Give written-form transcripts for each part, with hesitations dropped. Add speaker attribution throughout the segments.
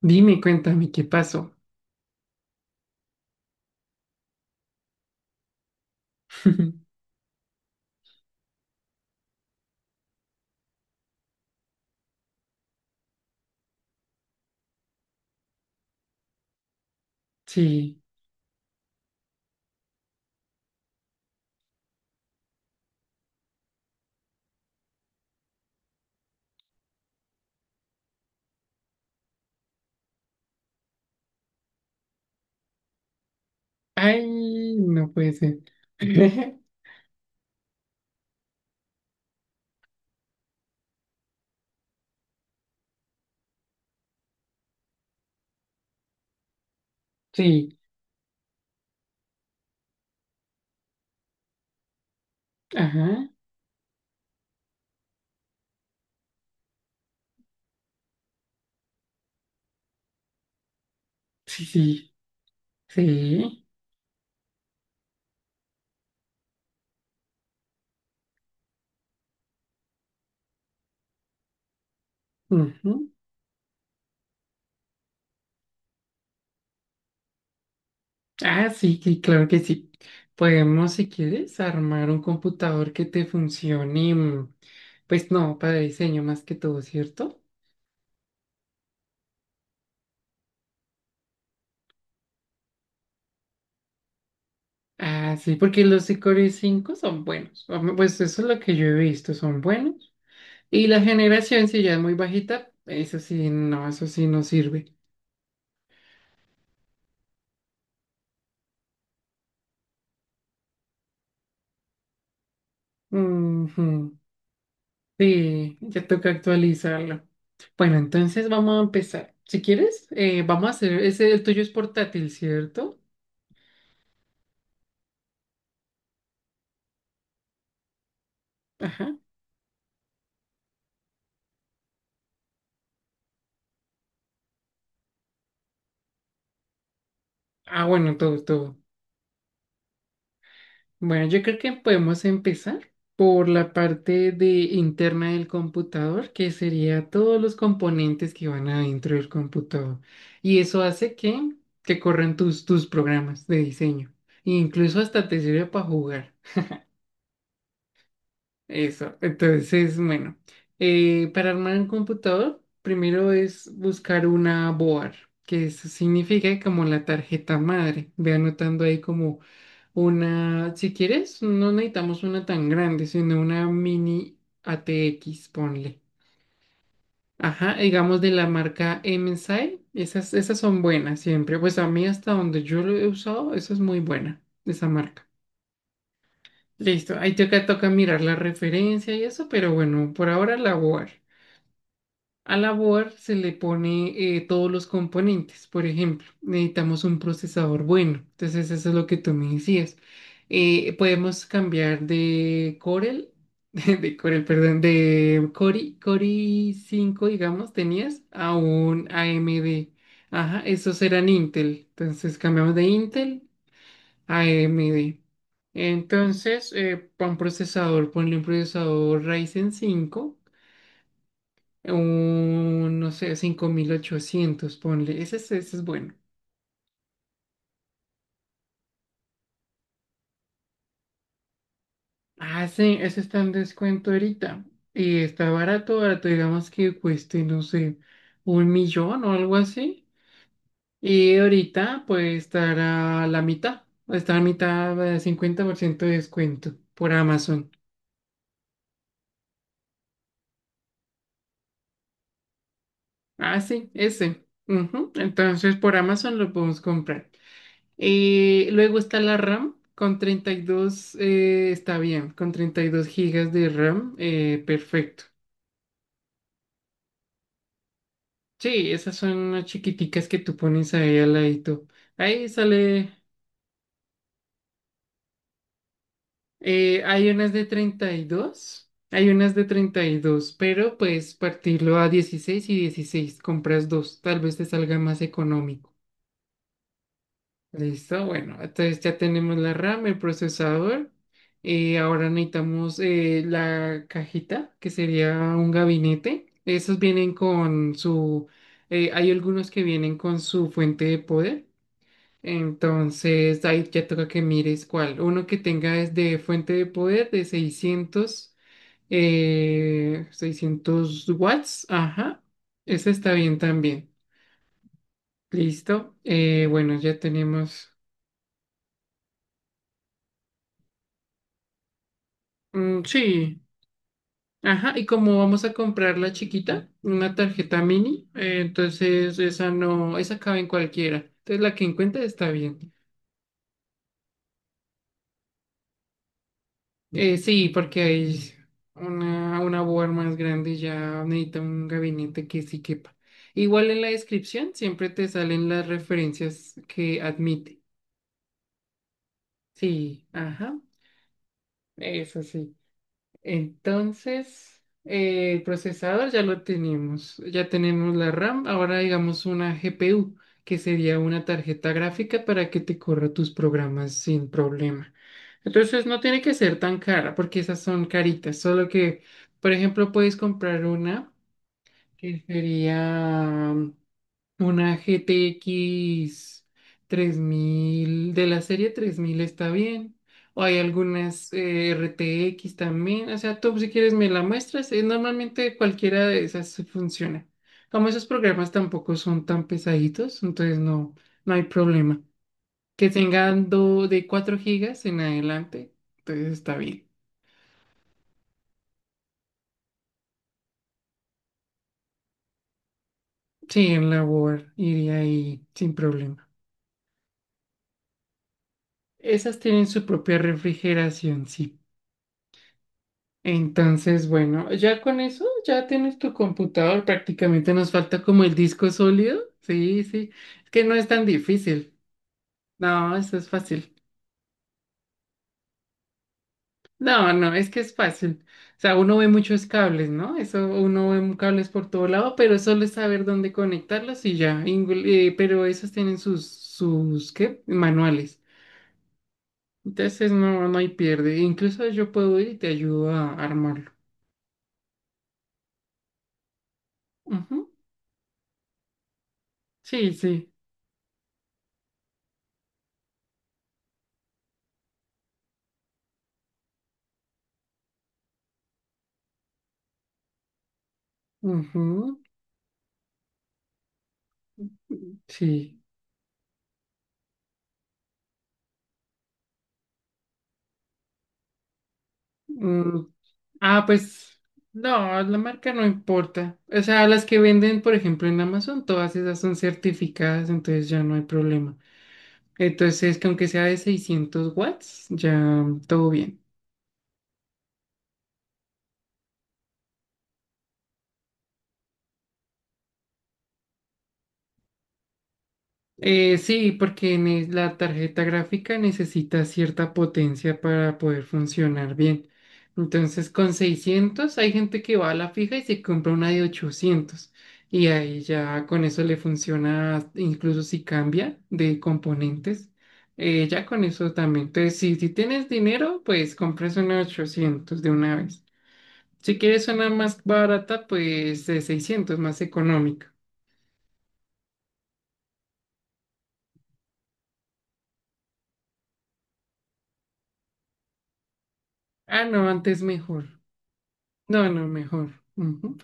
Speaker 1: Dime, cuéntame qué pasó. Sí. Ay, no puede ser. Sí. Ajá. Sí, sí. Sí. Ujú. Ah, sí, sí, claro que sí. Podemos, si quieres, armar un computador que te funcione. Pues no, para diseño más que todo, ¿cierto? Ah, sí, porque los de Core cinco son buenos. O Pues eso es lo que yo he visto, son buenos. Y la generación, si ya es muy bajita, eso sí no sirve. Ujú. Sí, ya toca actualizarlo. Bueno, entonces vamos a empezar. Si quieres, vamos a hacer, ese, el tuyo es portátil, ¿cierto? Ajá. Ah, bueno, todo, todo. Bueno, yo creo que podemos empezar por la parte de interna del computador, que sería todos los componentes que van adentro del computador. Y eso hace que corran tus, tus programas de diseño. E incluso hasta te sirve para jugar. Eso, entonces, bueno, para armar un computador, primero es buscar una board, que eso significa como la tarjeta madre. Ve anotando ahí como una, si quieres, no necesitamos una tan grande, sino una mini ATX, ponle. Ajá, digamos de la marca MSI, esas, esas son buenas siempre. Pues a mí hasta donde yo lo he usado, eso es muy buena, esa marca. Listo, ahí toca, toca mirar la referencia y eso, pero bueno, por ahora la board. A la board se le pone todos los componentes. Por ejemplo, necesitamos un procesador bueno. Entonces, eso es lo que tú me decías. Podemos cambiar de Corel, de Corel, perdón, de Cori, Cori 5 digamos, tenías, a un AMD. Ajá, esos eran Intel. Entonces, cambiamos de Intel a AMD. Entonces, para un procesador, ponle un procesador Ryzen 5 un, no sé, 5800 ponle. Ese es bueno. Ah, sí, ese está en descuento ahorita. Y está barato, barato, digamos que cueste, no sé, un millón o algo así. Y ahorita puede estar a la mitad. Está a mitad, 50% de descuento por Amazon. Ah, sí, ese. Ujú. Entonces por Amazon lo podemos comprar. Luego está la RAM con 32, está bien, con 32 gigas de RAM, perfecto. Sí, esas son unas chiquiticas que tú pones ahí al ladito. Ahí sale, hay unas de 32, hay unas de 32, pero pues partirlo a 16 y 16, compras dos, tal vez te salga más económico. Listo, bueno, entonces ya tenemos la RAM, el procesador y ahora necesitamos la cajita que sería un gabinete. Esos vienen con su, hay algunos que vienen con su fuente de poder. Entonces ahí ya toca que mires cuál. Uno que tenga es de fuente de poder de 600 600 watts. Ajá, ese está bien también. Listo. Bueno, ya tenemos. Mm, sí. Ajá, y como vamos a comprar la chiquita, una tarjeta mini, entonces esa no, esa cabe en cualquiera. Entonces la que encuentre está bien. Sí, porque hay una board más grande y ya necesita un gabinete que sí quepa. Igual en la descripción siempre te salen las referencias que admite. Sí, ajá, eso sí. Entonces, el procesador ya lo tenemos, ya tenemos la RAM, ahora digamos una GPU, que sería una tarjeta gráfica para que te corra tus programas sin problema. Entonces, no tiene que ser tan cara, porque esas son caritas, solo que, por ejemplo, puedes comprar una que sería una GTX mil de la serie 3000 está bien. O hay algunas RTX también. O sea, tú si quieres me la muestras. Normalmente cualquiera de esas se funciona. Como esos programas tampoco son tan pesaditos, entonces no, no hay problema. Que tengan de 4 gigas en adelante, entonces está bien. Sí, en la Word iría ahí sin problema. Esas tienen su propia refrigeración, sí. Entonces, bueno, ya con eso ya tienes tu computador. Prácticamente nos falta como el disco sólido. Sí, sí. Es que no es tan difícil. No, eso es fácil. No, no, es que es fácil. O sea, uno ve muchos cables, ¿no? Eso, uno ve cables por todo lado, pero solo es saber dónde conectarlos y ya. Pero esos tienen sus, sus, ¿qué? Manuales. Entonces, no, no hay pierde. Incluso yo puedo ir y te ayudo a armarlo. Ujú. Sí, sí. Ujú. Sí. Mm. Pues no, la marca no importa. O sea, las que venden, por ejemplo, en Amazon, todas esas son certificadas, entonces ya no hay problema. Entonces, que aunque sea de 600 watts, ya todo bien. Sí, porque la tarjeta gráfica necesita cierta potencia para poder funcionar bien. Entonces, con 600 hay gente que va a la fija y se compra una de 800. Y ahí ya con eso le funciona, incluso si cambia de componentes, ya con eso también. Entonces, si tienes dinero, pues compras una 800 de una vez. Si quieres una más barata, pues de 600, más económica. Ah, no, antes mejor. No, no, mejor. Ujú.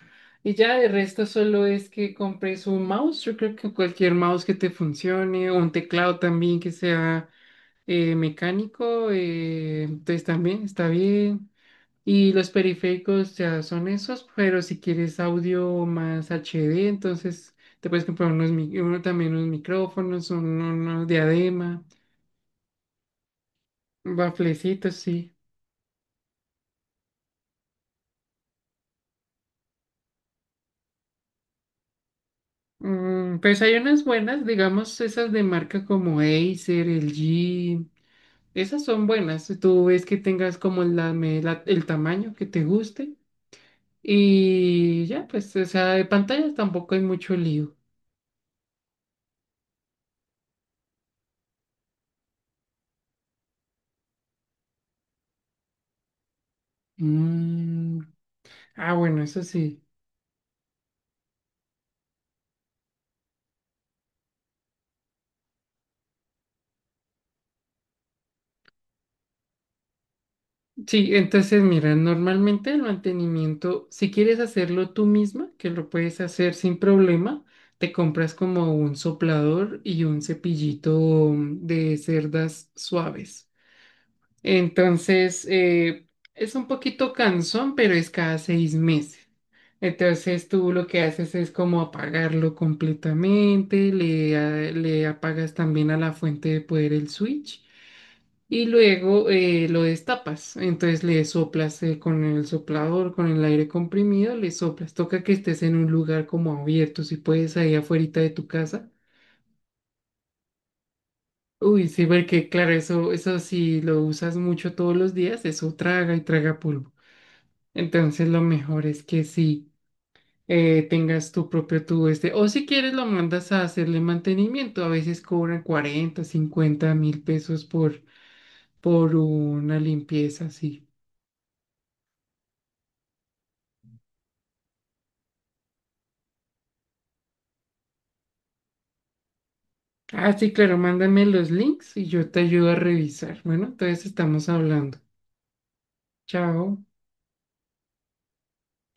Speaker 1: Y ya de resto solo es que compres un mouse. Yo creo que cualquier mouse que te funcione, o un teclado también que sea mecánico, entonces también está bien. Y los periféricos ya son esos, pero si quieres audio más HD entonces te puedes comprar uno, también unos micrófonos, unos diadema, baflecitos, sí. Mm, pues hay unas buenas, digamos, esas de marca como Acer, LG. Esas son buenas. Tú ves que tengas como el tamaño que te guste. Y ya, pues, o sea, de pantallas tampoco hay mucho lío. Mm. Ah, bueno, eso sí. Sí, entonces mira, normalmente el mantenimiento, si quieres hacerlo tú misma, que lo puedes hacer sin problema, te compras como un soplador y un cepillito de cerdas suaves. Entonces, es un poquito cansón, pero es cada 6 meses. Entonces, tú lo que haces es como apagarlo completamente, le apagas también a la fuente de poder el switch y luego lo destapas. Entonces, le soplas con el soplador, con el aire comprimido, le soplas. Toca que estés en un lugar como abierto, si puedes, ahí afuerita de tu casa. Uy, sí, porque claro, eso si lo usas mucho todos los días, eso traga y traga polvo. Entonces lo mejor es que sí tengas tu propio tubo este. O si quieres lo mandas a hacerle mantenimiento. A veces cobran 40 50 mil pesos por una limpieza así. Ah, sí, claro, mándame los links y yo te ayudo a revisar. Bueno, entonces estamos hablando. Chao.